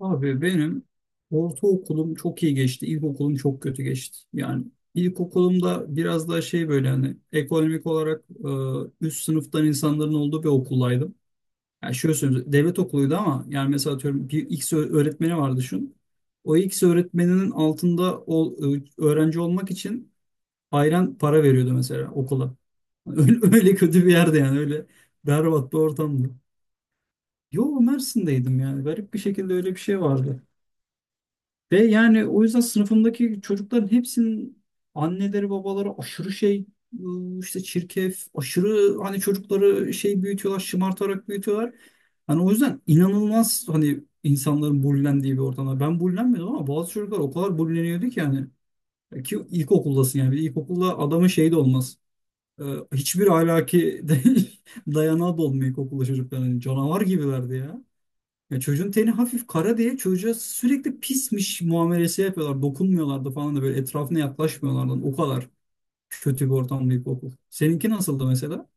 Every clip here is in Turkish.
Abi benim ortaokulum çok iyi geçti. İlkokulum çok kötü geçti. Yani ilkokulumda biraz daha şey böyle hani ekonomik olarak üst sınıftan insanların olduğu bir okuldaydım. Yani şöyle söyleyeyim, devlet okuluydu ama yani mesela atıyorum bir X öğretmeni var düşün. O X öğretmeninin altında o öğrenci olmak için ayran para veriyordu mesela okula. Öyle, öyle kötü bir yerde, yani öyle berbat bir ortamdı. Yo, Mersin'deydim, yani garip bir şekilde öyle bir şey vardı. Ve yani o yüzden sınıfımdaki çocukların hepsinin anneleri babaları aşırı şey, işte çirkef, aşırı hani çocukları şey büyütüyorlar, şımartarak büyütüyorlar. Hani o yüzden inanılmaz hani insanların bullendiği bir ortamda. Ben bullenmiyordum ama bazı çocuklar o kadar bulleniyordu ki yani. Ki ilkokuldasın yani. Bir de ilkokulda adamın şeyi de olmaz. Ee, hiçbir ahlaki dayanağı da olmuyor ilkokulda çocukların. Hani canavar gibilerdi ya. Ya çocuğun teni hafif kara diye çocuğa sürekli pismiş muamelesi yapıyorlar. Dokunmuyorlardı falan da, böyle etrafına yaklaşmıyorlardı. O kadar kötü bir ortam, bir okul. Seninki nasıldı mesela?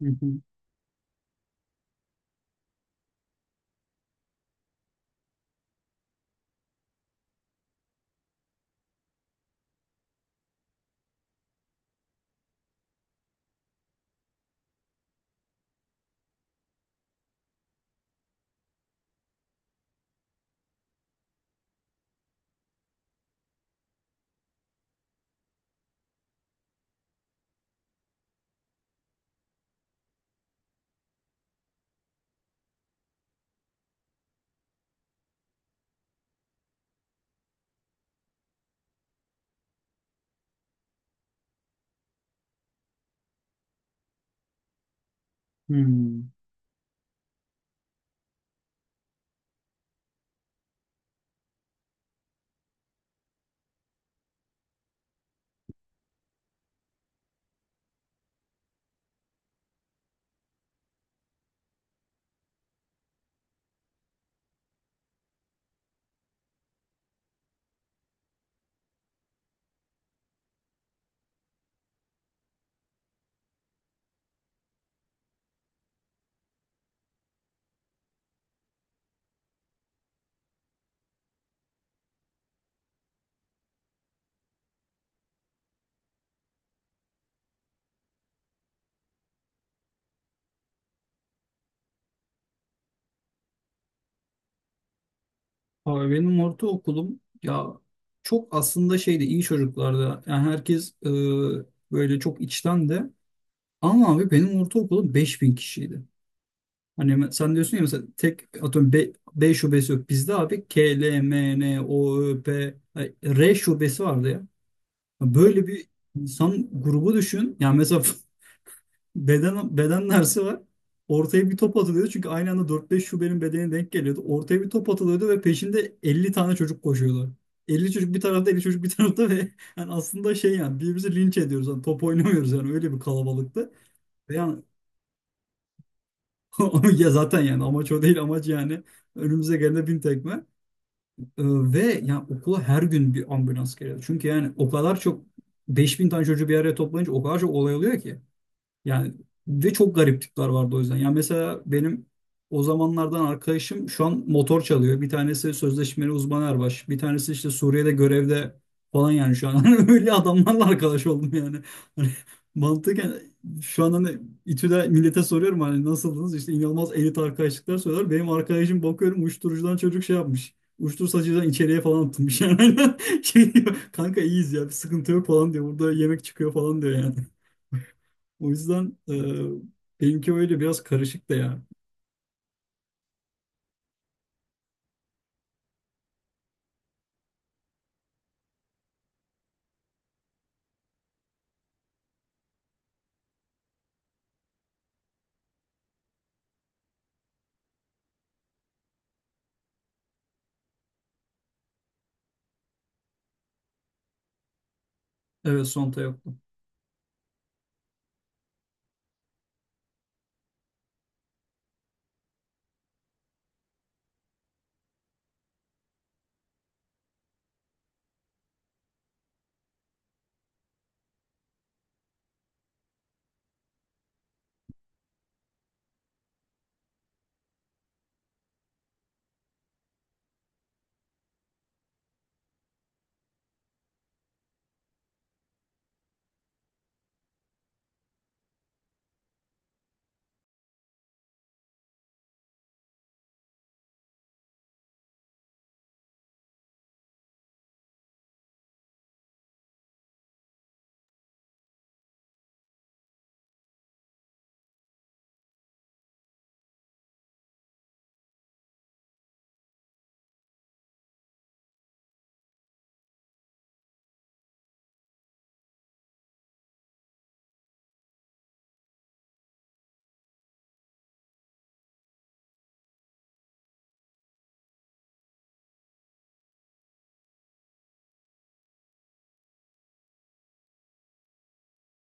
Hı hı. Hmm. Abi benim ortaokulum ya, çok aslında şeydi, iyi çocuklardı. Yani herkes böyle çok içten de. Ama abi benim ortaokulum 5.000 kişiydi. Hani sen diyorsun ya mesela, tek atıyorum B, B şubesi yok. Bizde abi K, L, M, N, O, Ö, P, ay, R şubesi vardı ya. Böyle bir insan grubu düşün. Yani mesela beden dersi var. Ortaya bir top atılıyordu. Çünkü aynı anda 4-5 şubenin bedeni denk geliyordu. Ortaya bir top atılıyordu ve peşinde 50 tane çocuk koşuyordu. 50 çocuk bir tarafta, 50 çocuk bir tarafta ve yani aslında şey, yani birbirimizi linç ediyoruz. Yani top oynamıyoruz, yani öyle bir kalabalıktı. Ve yani ya zaten yani amaç o değil, amaç yani önümüze gelene bin tekme. Ee, ve yani okula her gün bir ambulans geliyor. Çünkü yani o kadar çok, 5.000 tane çocuğu bir araya toplayınca o kadar çok olay oluyor ki. Yani ve çok garip tipler vardı o yüzden. Yani mesela benim o zamanlardan arkadaşım şu an motor çalıyor. Bir tanesi sözleşmeli uzman erbaş. Bir tanesi işte Suriye'de görevde falan yani şu an. Hani öyle adamlarla arkadaş oldum yani. Hani mantıken şu an hani İTÜ'de millete soruyorum, hani nasıldınız? İşte inanılmaz elit arkadaşlıklar söylüyorlar. Benim arkadaşım bakıyorum uyuşturucudan çocuk şey yapmış. Uyuşturucudan içeriye falan atılmış yani. Şey diyor, kanka iyiyiz ya, bir sıkıntı yok falan diyor. Burada yemek çıkıyor falan diyor yani. O yüzden benimki öyle biraz karışık da ya. Evet, Sonta yoktu.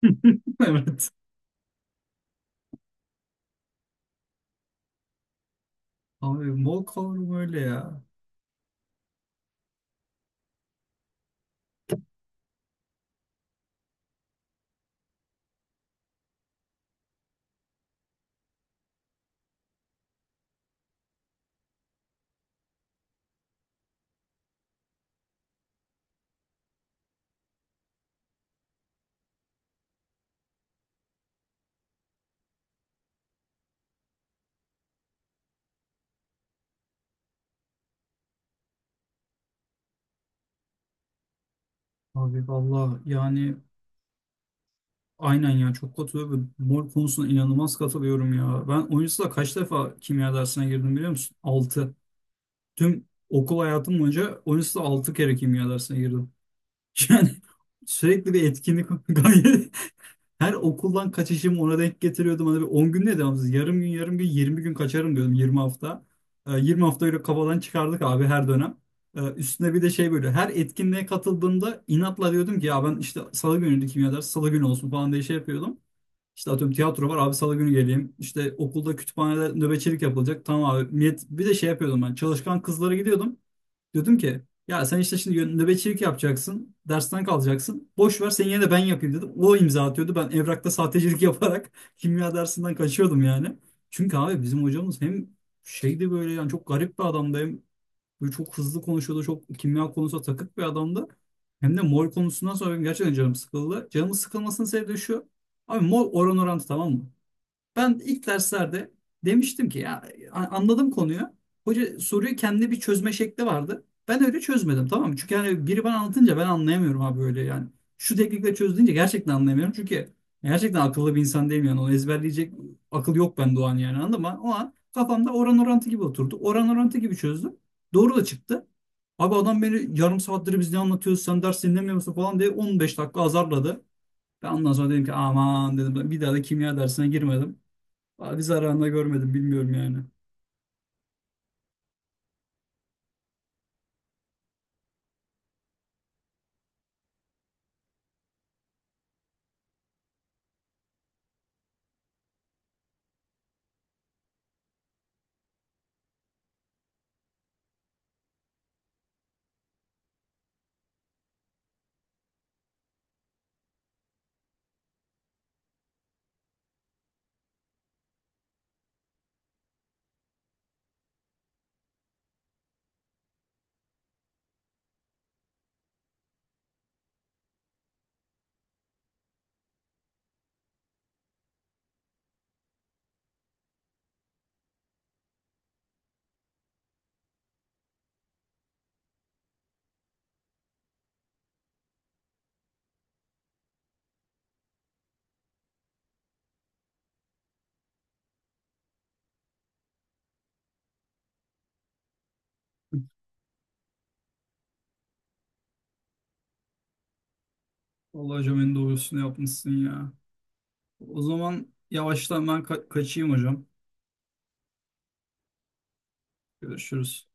Evet. Abi mol kavramı öyle ya. Abi valla yani aynen ya, çok katılıyorum. Mol konusuna inanılmaz katılıyorum ya. Ben o yüzden kaç defa kimya dersine girdim biliyor musun? 6. Tüm okul hayatım boyunca o yüzden 6 kere kimya dersine girdim. Yani sürekli bir etkinlik gayet. Her okuldan kaçışımı ona denk getiriyordum. Hani bir 10 gün ne devamsız? Yarım gün, yarım gün, 20 gün kaçarım diyordum. 20 hafta. 20 hafta öyle kafadan çıkardık abi her dönem. Üstüne bir de şey, böyle her etkinliğe katıldığımda inatla diyordum ki ya, ben işte salı günüydü kimya dersi, salı günü olsun falan diye şey yapıyordum. İşte atıyorum tiyatro var abi, salı günü geleyim. İşte okulda kütüphanede nöbetçilik yapılacak. Tamam abi. Bir de şey yapıyordum, ben çalışkan kızlara gidiyordum. Diyordum ki ya, sen işte şimdi nöbetçilik yapacaksın. Dersten kalacaksın. Boş ver, sen yine de, ben yapayım dedim. O imza atıyordu. Ben evrakta sahtecilik yaparak kimya dersinden kaçıyordum yani. Çünkü abi bizim hocamız hem şeydi, böyle yani çok garip bir adamdı. Hem böyle çok hızlı konuşuyordu. Çok kimya konusunda takık bir adamdı. Hem de mol konusundan sonra benim gerçekten canım sıkıldı. Canımın sıkılmasının sebebi de şu. Abi mol oran orantı, tamam mı? Ben ilk derslerde demiştim ki ya anladım konuyu. Hoca soruyu, kendi bir çözme şekli vardı. Ben öyle çözmedim, tamam mı? Çünkü yani biri bana anlatınca ben anlayamıyorum abi öyle yani. Şu teknikle çöz deyince gerçekten anlayamıyorum. Çünkü gerçekten akıllı bir insan değilim yani. Onu ezberleyecek akıl yok bende o an yani, anladın mı? O an kafamda oran orantı gibi oturdu. Oran orantı gibi çözdüm. Doğru da çıktı. Abi adam beni, yarım saattir biz ne anlatıyoruz, sen ders dinlemiyor musun falan diye 15 dakika azarladı. Ben ondan sonra dedim ki aman, dedim bir daha da kimya dersine girmedim. Abi zararında görmedim, bilmiyorum yani. Vallahi hocam, en doğrusunu yapmışsın ya. O zaman yavaştan ben kaçayım hocam. Görüşürüz.